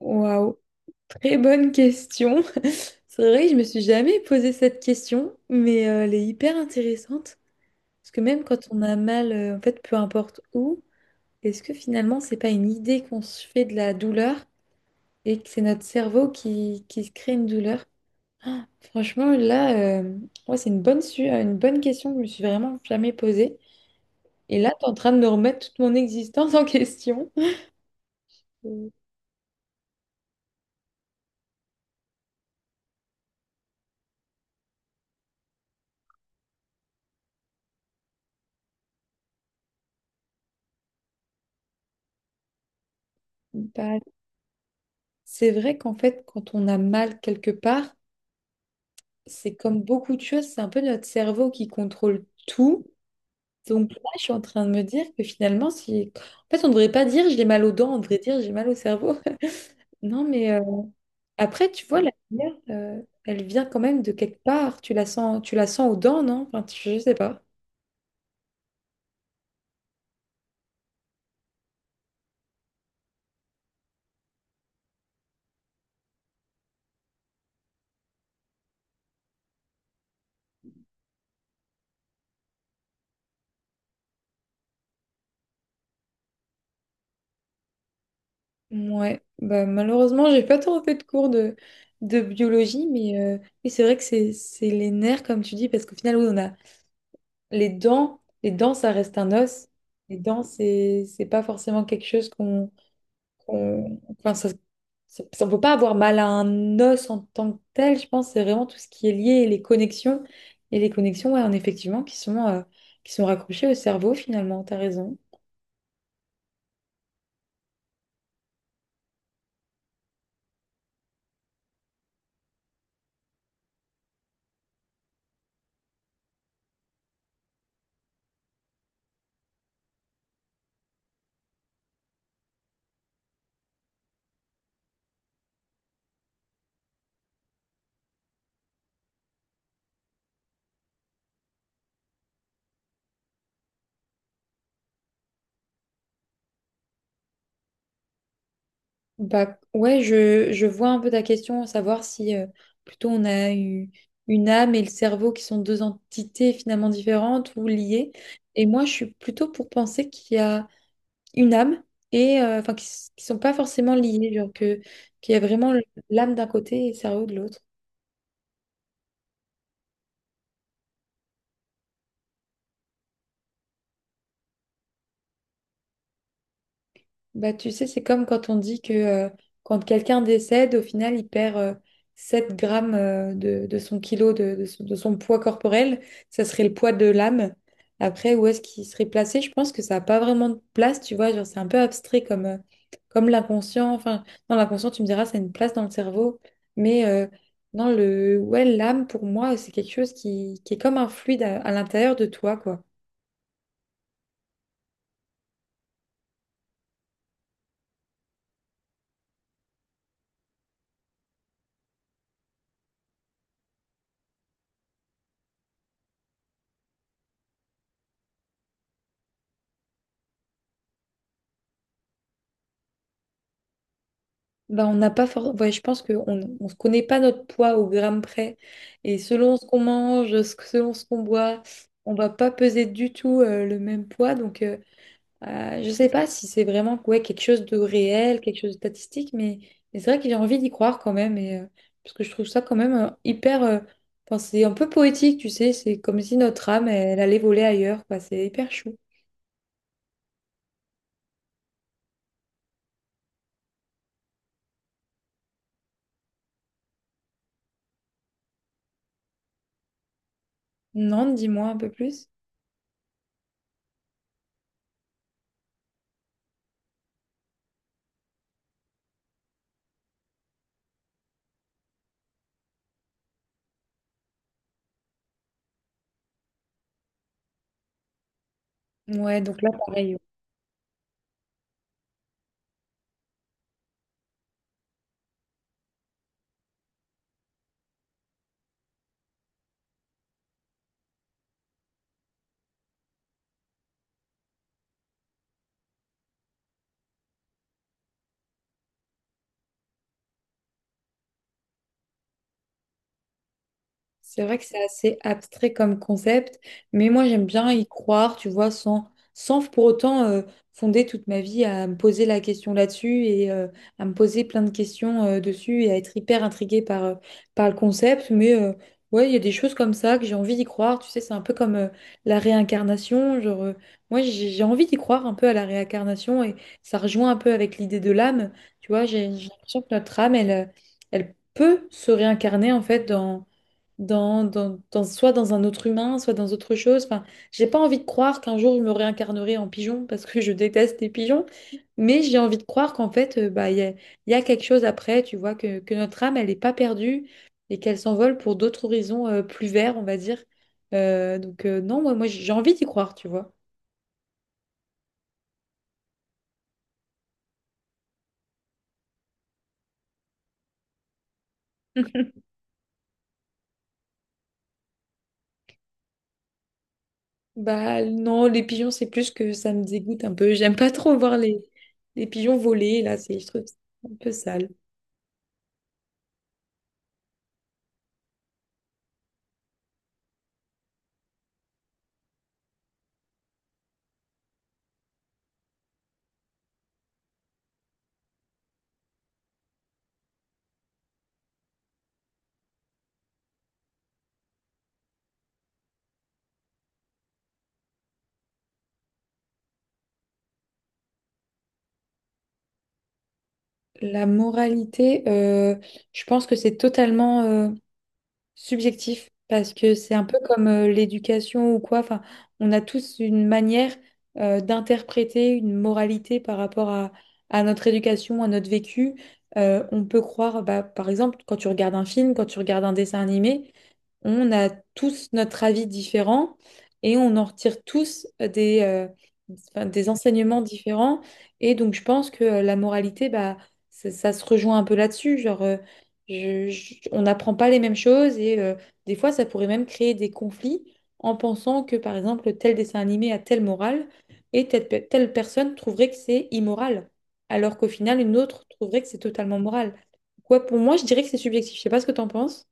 Waouh, très bonne question. C'est vrai que je me suis jamais posé cette question, mais elle est hyper intéressante. Parce que même quand on a mal, en fait, peu importe où, est-ce que finalement, c'est pas une idée qu'on se fait de la douleur et que c'est notre cerveau qui se crée une douleur? Ah, franchement, là, ouais, c'est une bonne question que je me suis vraiment jamais posée. Et là, tu es en train de me remettre toute mon existence en question. Bah, c'est vrai qu'en fait, quand on a mal quelque part, c'est comme beaucoup de choses, c'est un peu notre cerveau qui contrôle tout. Donc là, je suis en train de me dire que finalement, si... en fait, on ne devrait pas dire j'ai mal aux dents, on devrait dire j'ai mal au cerveau. Non, mais après, tu vois, la lumière, elle vient quand même de quelque part. Tu la sens aux dents, non? Enfin, je sais pas. Ouais, bah, malheureusement, j'ai pas trop fait de cours de biologie, mais c'est vrai que c'est les nerfs, comme tu dis, parce qu'au final, oui, on a les dents, ça reste un os. Les dents, c'est pas forcément quelque chose enfin on peut pas avoir mal à un os en tant que tel. Je pense c'est vraiment tout ce qui est lié et les connexions, ouais, en effectivement, qui sont raccrochées au cerveau finalement. T'as raison. Bah ouais, je vois un peu ta question, savoir si plutôt on a eu une âme et le cerveau qui sont deux entités finalement différentes ou liées. Et moi, je suis plutôt pour penser qu'il y a une âme enfin qui sont pas forcément liées, genre que qu'il y a vraiment l'âme d'un côté et le cerveau de l'autre. Bah, tu sais, c'est comme quand on dit que quand quelqu'un décède, au final, il perd 7 grammes de son poids corporel. Ça serait le poids de l'âme. Après, où est-ce qu'il serait placé? Je pense que ça n'a pas vraiment de place, tu vois. Genre, c'est un peu abstrait comme l'inconscient. Enfin, dans l'inconscient, tu me diras, ça a une place dans le cerveau. Mais ouais, l'âme, pour moi, c'est quelque chose qui est comme un fluide à l'intérieur de toi, quoi. Bah, on n'a pas ouais, je pense qu'on on se connaît pas notre poids au gramme près. Et selon ce qu'on mange, ce selon ce qu'on boit, on va pas peser du tout le même poids. Donc, je sais pas si c'est vraiment ouais, quelque chose de réel, quelque chose de statistique, mais c'est vrai que j'ai envie d'y croire quand même. Et, parce que je trouve ça quand même hyper. Enfin, c'est un peu poétique, tu sais. C'est comme si notre âme, elle, allait voler ailleurs, quoi. C'est hyper chou. Non, dis-moi un peu plus. Ouais, donc là, pareil. C'est vrai que c'est assez abstrait comme concept, mais moi j'aime bien y croire, tu vois, sans pour autant fonder toute ma vie à me poser la question là-dessus et à me poser plein de questions dessus et à être hyper intriguée par le concept. Mais ouais, il y a des choses comme ça que j'ai envie d'y croire, tu sais, c'est un peu comme la réincarnation. Genre, moi j'ai envie d'y croire un peu à la réincarnation et ça rejoint un peu avec l'idée de l'âme, tu vois, j'ai l'impression que notre âme, elle peut se réincarner en fait soit dans un autre humain, soit dans autre chose. Enfin, j'ai pas envie de croire qu'un jour je me réincarnerai en pigeon parce que je déteste les pigeons, mais j'ai envie de croire qu'en fait, bah, il y a quelque chose après, tu vois, que notre âme, elle n'est pas perdue et qu'elle s'envole pour d'autres horizons plus verts, on va dire. Donc, non, moi, moi j'ai envie d'y croire, tu vois. Bah non, les pigeons, c'est plus que ça me dégoûte un peu. J'aime pas trop voir les pigeons voler, là, c'est, je trouve ça un peu sale. La moralité, je pense que c'est totalement subjectif parce que c'est un peu comme l'éducation ou quoi. Enfin, on a tous une manière d'interpréter une moralité par rapport à notre éducation, à notre vécu. On peut croire, bah, par exemple, quand tu regardes un film, quand tu regardes un dessin animé, on a tous notre avis différent et on en retire tous enfin, des enseignements différents. Et donc, je pense que la moralité, bah, ça se rejoint un peu là-dessus. Genre, on n'apprend pas les mêmes choses et des fois, ça pourrait même créer des conflits en pensant que, par exemple, tel dessin animé a telle morale et telle personne trouverait que c'est immoral, alors qu'au final, une autre trouverait que c'est totalement moral. Quoi, pour moi, je dirais que c'est subjectif. Je sais pas ce que tu en penses.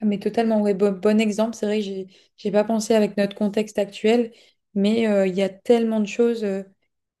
Ah, mais totalement, ouais, bon, bon exemple. C'est vrai que j'ai pas pensé avec notre contexte actuel, mais il y a tellement de choses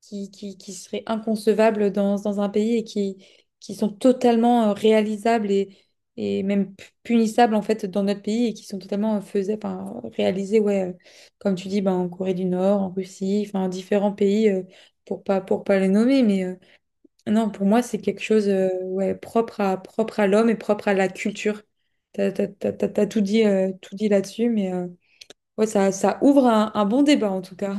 qui seraient inconcevables dans un pays et qui sont totalement réalisables et même punissables en fait dans notre pays et qui sont totalement enfin, réalisées, ouais, comme tu dis, ben, en Corée du Nord, en Russie, enfin, différents pays pour pas les nommer, mais. Non, pour moi, c'est quelque chose ouais, propre à, l'homme et propre à la culture. T'as tout dit là-dessus, mais ouais, ça ouvre un bon débat en tout cas.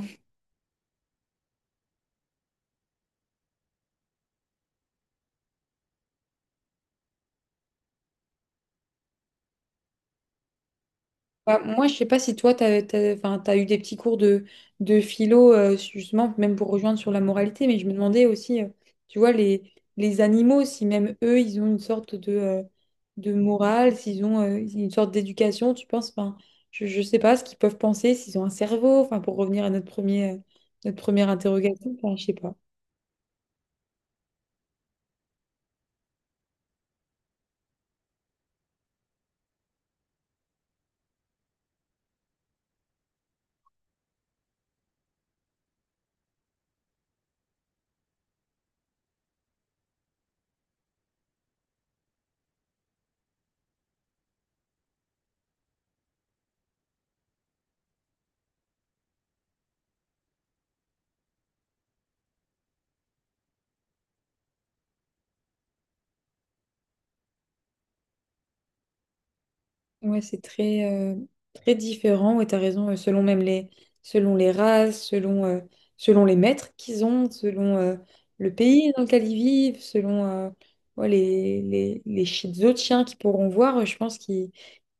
Bah, moi, je sais pas si toi, enfin, t'as eu des petits cours de philo, justement, même pour rejoindre sur la moralité, mais je me demandais aussi, tu vois, les animaux, si même eux, ils ont une sorte de morale, s'ils ont une sorte d'éducation, tu penses, enfin, je sais pas ce qu'ils peuvent penser, s'ils ont un cerveau, enfin, pour revenir à notre première interrogation, enfin, je sais pas. Ouais, c'est très différent. Ouais, t'as raison, selon même les, selon les races, selon les maîtres qu'ils ont, selon le pays dans lequel ils vivent, selon ouais, les autres chiens qu'ils pourront voir. Je pense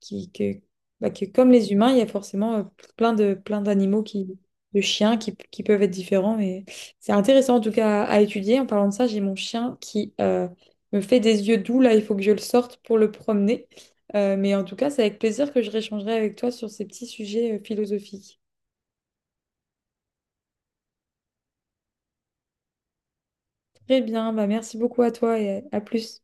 qui que, bah, que comme les humains, il y a forcément plein de chiens qui peuvent être différents. Mais c'est intéressant en tout cas à étudier. En parlant de ça, j'ai mon chien qui me fait des yeux doux. Là, il faut que je le sorte pour le promener. Mais en tout cas, c'est avec plaisir que je réchangerai avec toi sur ces petits sujets philosophiques. Très bien, bah merci beaucoup à toi et à plus.